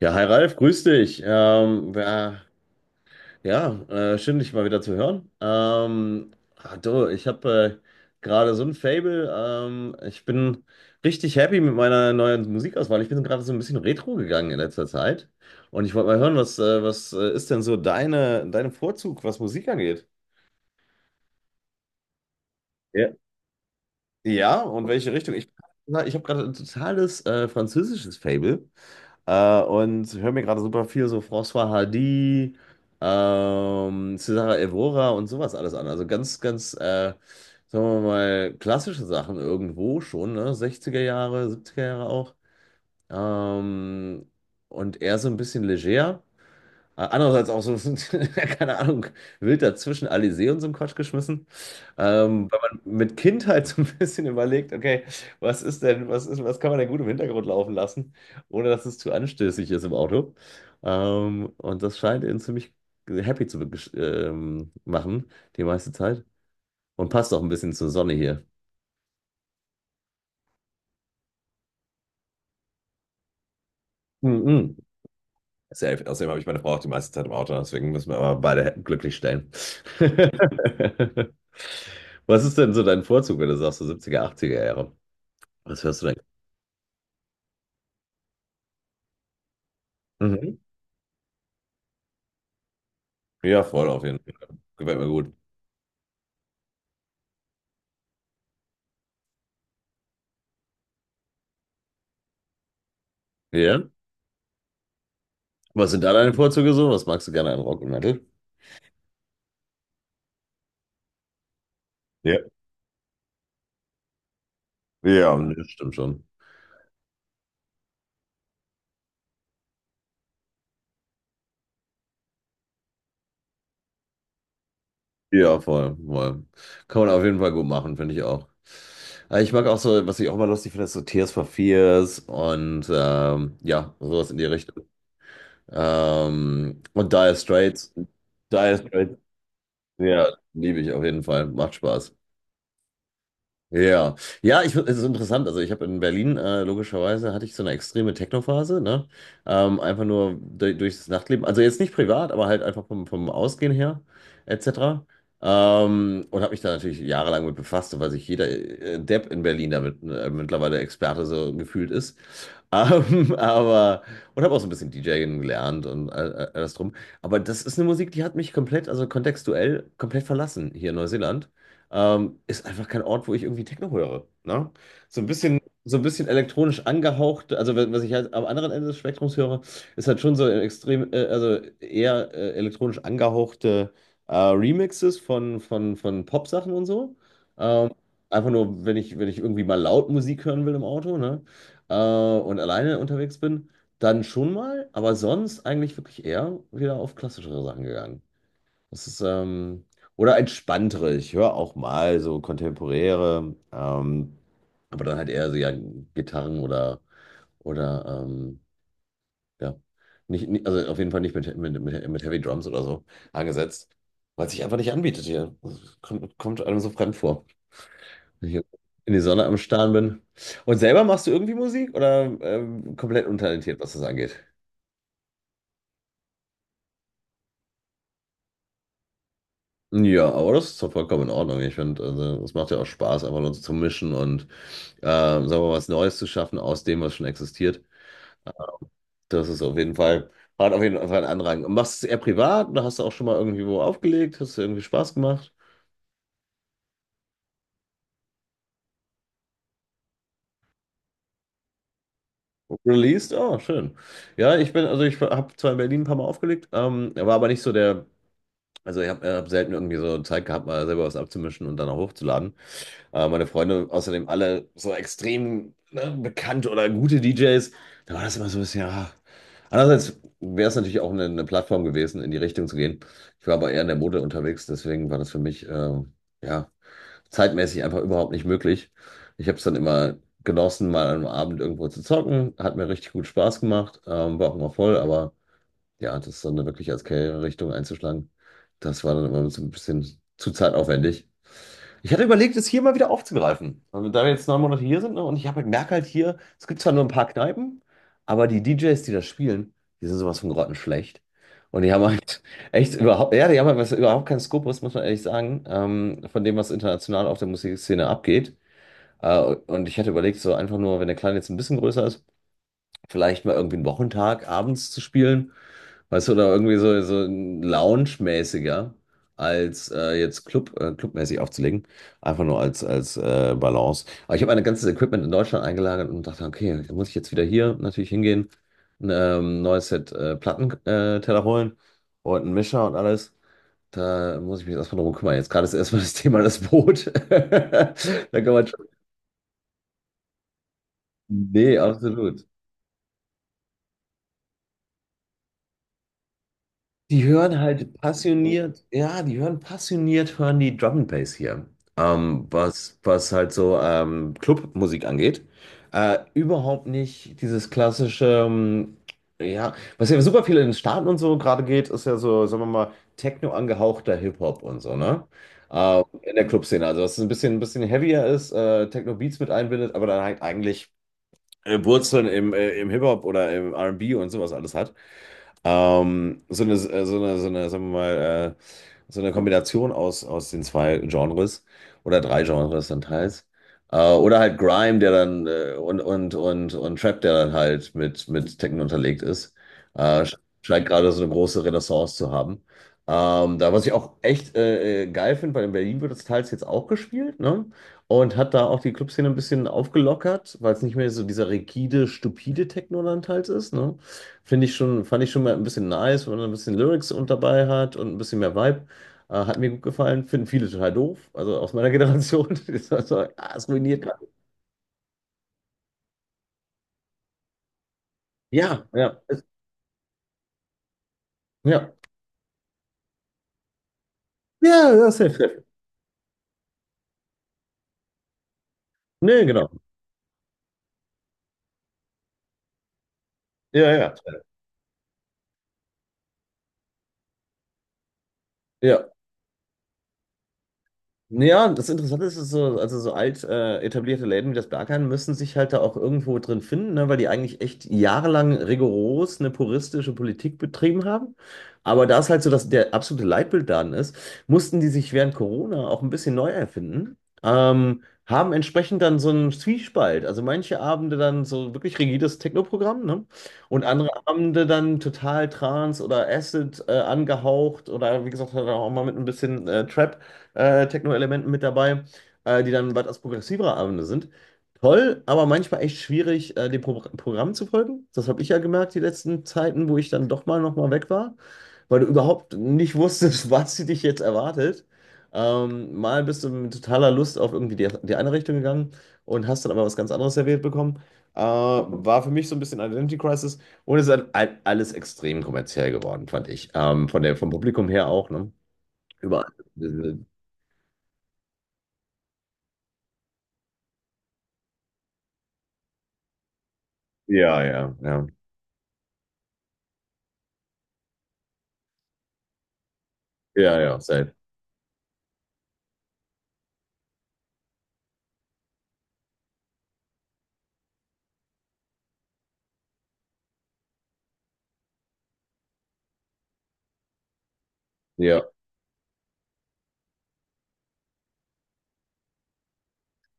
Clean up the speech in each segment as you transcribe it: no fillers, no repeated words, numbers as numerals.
Ja, hi Ralf, grüß dich. Ja, ja schön, dich mal wieder zu hören. Du, ich habe gerade so ein Fable. Ich bin richtig happy mit meiner neuen Musikauswahl. Ich bin gerade so ein bisschen retro gegangen in letzter Zeit. Und ich wollte mal hören, was, was ist denn so dein Vorzug, was Musik angeht? Ja. Ja, und welche Richtung? Ich habe gerade ein totales französisches Fable. Und höre mir gerade super viel so François Hardy, Cesare Evora und sowas alles an. Also ganz, ganz, sagen wir mal, klassische Sachen irgendwo schon, ne? 60er Jahre, 70er Jahre auch. Ähm, und eher so ein bisschen leger. Andererseits auch so, keine Ahnung, wild dazwischen Alizé und so einen Quatsch geschmissen. Wenn man mit Kindheit so ein bisschen überlegt, okay, was ist denn, was ist, was kann man denn gut im Hintergrund laufen lassen, ohne dass es zu anstößig ist im Auto. Und das scheint ihn ziemlich happy zu machen, die meiste Zeit. Und passt auch ein bisschen zur Sonne hier. Mhm. Safe. Außerdem habe ich meine Frau auch die meiste Zeit im Auto, deswegen müssen wir aber beide glücklich stellen. Was ist denn so dein Vorzug, wenn du sagst, so 70er, 80er Jahre? Was hörst du denn? Mhm. Ja, voll auf jeden Fall. Gefällt mir gut. Ja? Was sind da deine Vorzüge so? Was magst du gerne an Rock und Metal? Ja, ja, das stimmt schon. Ja, voll, voll. Kann man auf jeden Fall gut machen, finde ich auch. Aber ich mag auch so, was ich auch immer lustig finde, ist so Tears for Fears und ja, sowas in die Richtung. Ähm, und Dire Straits, Dire Straits, ja, liebe ich auf jeden Fall. Macht Spaß. Ja, es ist interessant. Also ich habe in Berlin, logischerweise, hatte ich so eine extreme Techno-Phase, ne? Einfach nur durch das Nachtleben. Also jetzt nicht privat, aber halt einfach vom Ausgehen her, etc. Und habe mich da natürlich jahrelang mit befasst, so weil sich jeder Depp in Berlin damit mittlerweile Experte so gefühlt ist. Ähm, aber, und habe auch so ein bisschen DJing gelernt und alles drum. Aber das ist eine Musik, die hat mich komplett, also kontextuell, komplett verlassen hier in Neuseeland. Ähm, ist einfach kein Ort, wo ich irgendwie Techno höre. Ne? So ein bisschen, so ein bisschen elektronisch angehaucht, also was ich halt am anderen Ende des Spektrums höre, ist halt schon so extrem, also eher elektronisch angehauchte Remixes von Pop-Sachen und so. Ähm, einfach nur, wenn ich irgendwie mal laut Musik hören will im Auto, ne? Äh, und alleine unterwegs bin, dann schon mal, aber sonst eigentlich wirklich eher wieder auf klassischere Sachen gegangen. Das ist, ähm, oder entspanntere. Ich höre auch mal so kontemporäre, aber dann halt eher so ja, Gitarren oder ja, nicht, nicht, also auf jeden Fall nicht mit Heavy Drums oder so angesetzt, weil es sich einfach nicht anbietet hier. Kommt einem so fremd vor, wenn ich jetzt in die Sonne am Starren bin. Und selber machst du irgendwie Musik oder komplett untalentiert, was das angeht? Ja, aber das ist doch vollkommen in Ordnung. Ich finde, also, es macht ja auch Spaß, einfach nur zu mischen und sagen wir mal, was Neues zu schaffen aus dem, was schon existiert. Das ist auf jeden Fall, hat auf jeden Fall einen Anrang. Und machst du es eher privat oder hast du auch schon mal irgendwie wo aufgelegt? Hast du irgendwie Spaß gemacht? Released? Oh, schön. Also ich habe zwar in Berlin ein paar Mal aufgelegt, war aber nicht so der, also ich hab selten irgendwie so Zeit gehabt, mal selber was abzumischen und dann auch hochzuladen. Meine Freunde, außerdem alle so extrem ne, bekannte oder gute DJs, da war das immer so ein bisschen, ah. Andererseits wäre es natürlich auch eine Plattform gewesen, in die Richtung zu gehen. Ich war aber eher in der Mode unterwegs, deswegen war das für mich ja, zeitmäßig einfach überhaupt nicht möglich. Ich habe es dann immer genossen, mal am Abend irgendwo zu zocken, hat mir richtig gut Spaß gemacht, war auch immer voll, aber ja, das dann wirklich als Karriere-Richtung einzuschlagen, das war dann immer so ein bisschen zu zeitaufwendig. Ich hatte überlegt, es hier mal wieder aufzugreifen. Also, da wir jetzt 9 Monate hier sind, ne, und ich habe merke halt hier, es gibt zwar nur ein paar Kneipen, aber die DJs, die das spielen, die sind sowas von grottenschlecht. Und die haben halt echt überhaupt, ja, die haben halt was, überhaupt keinen Skopus, muss man ehrlich sagen, von dem, was international auf der Musikszene abgeht. Äh, und ich hatte überlegt, so einfach nur, wenn der Kleine jetzt ein bisschen größer ist, vielleicht mal irgendwie einen Wochentag abends zu spielen. Weißt du, oder irgendwie so, so ein Lounge-mäßiger als jetzt Clubmäßig aufzulegen. Einfach nur als Balance. Aber ich habe mein ganzes Equipment in Deutschland eingelagert und dachte, okay, da muss ich jetzt wieder hier natürlich hingehen, ein neues Set Plattenteller, Teller holen und einen Mischer und alles. Da muss ich mich erstmal drum kümmern. Jetzt gerade ist erstmal das Thema das Boot. Da kann man schon. Nee, absolut. Die hören passioniert, hören die Drum and Bass hier. Was halt so Clubmusik angeht. Überhaupt nicht dieses klassische, ja, was ja super viel in den Staaten und so gerade geht, ist ja so, sagen wir mal, Techno angehauchter Hip-Hop und so, ne? In der Clubszene. Also, was ein bisschen heavier ist, Techno-Beats mit einbindet, aber dann halt eigentlich Wurzeln im Hip-Hop oder im R&B und B und sowas alles hat. So eine, sagen wir mal, so eine Kombination aus den zwei Genres oder drei Genres dann teils. Oder halt Grime, der dann und Trap, der dann halt mit Techno unterlegt ist. Äh, sch- scheint gerade so eine große Renaissance zu haben. Was ich auch echt geil finde, weil in Berlin wird das teils jetzt auch gespielt, ne? Und hat da auch die Clubszene ein bisschen aufgelockert, weil es nicht mehr so dieser rigide, stupide Technoland halt ist, ne? Fand ich schon mal ein bisschen nice, wenn man ein bisschen Lyrics und dabei hat und ein bisschen mehr Vibe. Hat mir gut gefallen. Finden viele total doof, also aus meiner Generation. Die sagen so, ah, es ruiniert gerade. Ja, ja, ja. Ja, ja, safe, safe. Nee, genau. Ja, ja. Ja, ja. Ja, das Interessante ist so, also so alt etablierte Läden wie das Berghain müssen sich halt da auch irgendwo drin finden, ne, weil die eigentlich echt jahrelang rigoros eine puristische Politik betrieben haben. Aber da es halt so dass der absolute Leitbildladen ist, mussten die sich während Corona auch ein bisschen neu erfinden, haben entsprechend dann so einen Zwiespalt. Also manche Abende dann so wirklich rigides Techno-Programm, ne? Und andere Abende dann total Trance oder Acid angehaucht oder wie gesagt, halt auch mal mit ein bisschen Trap Techno-Elementen mit dabei, die dann etwas progressivere Abende sind. Toll, aber manchmal echt schwierig, dem Programm zu folgen. Das habe ich ja gemerkt, die letzten Zeiten, wo ich dann doch mal noch mal weg war, weil du überhaupt nicht wusstest, was sie dich jetzt erwartet. Mal bist du mit totaler Lust auf irgendwie die eine Richtung gegangen und hast dann aber was ganz anderes serviert bekommen. War für mich so ein bisschen Identity Crisis und es ist halt alles extrem kommerziell geworden, fand ich. Vom Publikum her auch, ne? Überall. Ja, ja, ja. Ja, ja, safe. Ja.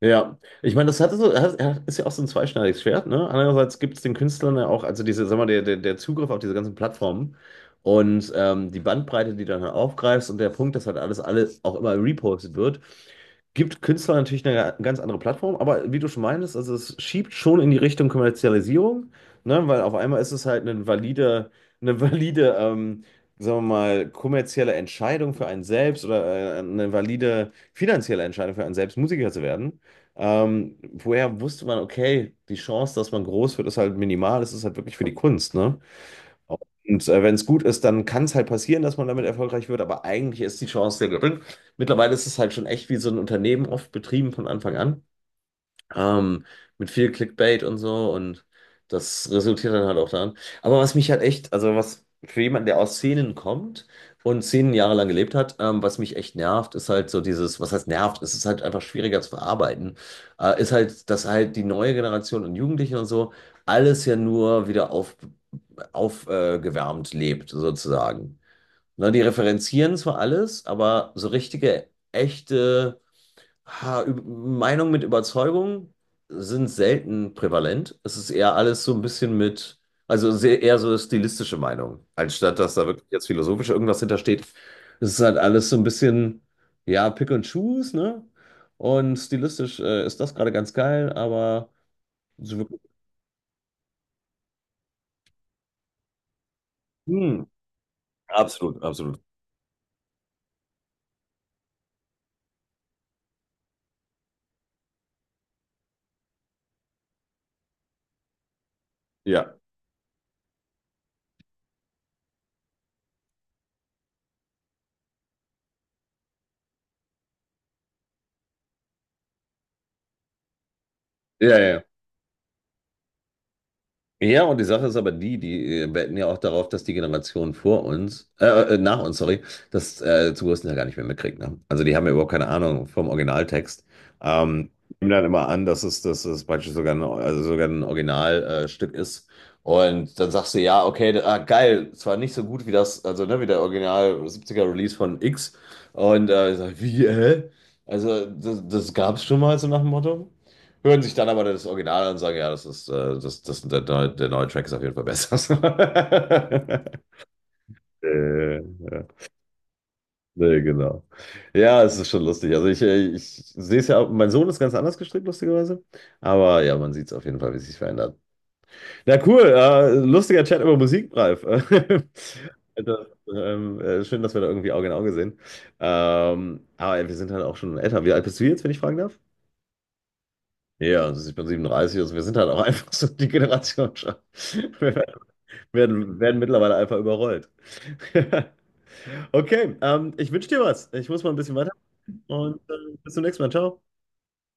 Ja, ich meine, das ja, ist ja auch so ein zweischneidiges Schwert, ne? Andererseits gibt es den Künstlern ja auch, also diese, sag mal, der Zugriff auf diese ganzen Plattformen und die Bandbreite, die du dann aufgreifst und der Punkt, dass halt alles auch immer repostet wird, gibt Künstlern natürlich eine ganz andere Plattform, aber wie du schon meintest, also es schiebt schon in die Richtung Kommerzialisierung, ne? Weil auf einmal ist es halt eine valide, sagen wir mal, kommerzielle Entscheidung für einen selbst oder eine valide finanzielle Entscheidung für einen selbst, Musiker zu werden. Woher wusste man, okay, die Chance, dass man groß wird, ist halt minimal, es ist halt wirklich für die Kunst, ne? Und wenn es gut ist, dann kann es halt passieren, dass man damit erfolgreich wird, aber eigentlich ist die Chance sehr gering. Mittlerweile ist es halt schon echt wie so ein Unternehmen, oft betrieben von Anfang an. Ähm, mit viel Clickbait und so und das resultiert dann halt auch daran. Aber was mich halt echt, also was für jemanden, der aus Szenen kommt und Szenen jahrelang gelebt hat, was mich echt nervt, ist halt so dieses, was heißt nervt, es ist halt einfach schwieriger zu verarbeiten, ist halt, dass halt die neue Generation und Jugendlichen und so alles ja nur wieder aufgewärmt gewärmt lebt, sozusagen. Ne, die referenzieren zwar alles, aber so richtige, echte. Meinung mit Überzeugung sind selten prävalent. Es ist eher alles so ein bisschen mit, also sehr, eher so stilistische Meinung, anstatt dass da wirklich jetzt philosophisch irgendwas hintersteht. Es ist halt alles so ein bisschen, ja, Pick and Choose, ne? Und stilistisch ist das gerade ganz geil, aber so wirklich. Hm, absolut, absolut. Ja. Ja, ja. Ja. Ja, und die Sache ist aber die, die wetten ja auch darauf, dass die Generation vor uns, nach uns, sorry, das zum größten Teil gar nicht mehr mitkriegt. Ne? Also die haben ja überhaupt keine Ahnung vom Originaltext. Ähm, nehmen dann immer an, dass es praktisch also sogar ein Originalstück Stück ist. Und dann sagst du, ja, okay, ah, geil, zwar nicht so gut wie das, also ne, wie der Original 70er Release von X. Und ich sag, wie, hä? Das gab es schon mal so nach dem Motto. Hören sich dann aber das Original an und sagen, ja, das ist, das, das, der neue Track ist auf jeden Fall besser. Ja. Nee, genau. Ja, es ist schon lustig. Ich sehe es ja, mein Sohn ist ganz anders gestrickt, lustigerweise. Aber ja, man sieht es auf jeden Fall, wie es sich verändert. Na cool, lustiger Chat über Musik, Ralf. Alter, schön, dass wir da irgendwie Auge in Auge sehen. Aber ja, wir sind halt auch schon älter. Wie alt bist du jetzt, wenn ich fragen darf? Ja, also ich bin 37, also wir sind halt auch einfach so die Generation schon. Wir werden mittlerweile einfach überrollt. Okay, ich wünsche dir was. Ich muss mal ein bisschen weiter und bis zum nächsten Mal. Ciao.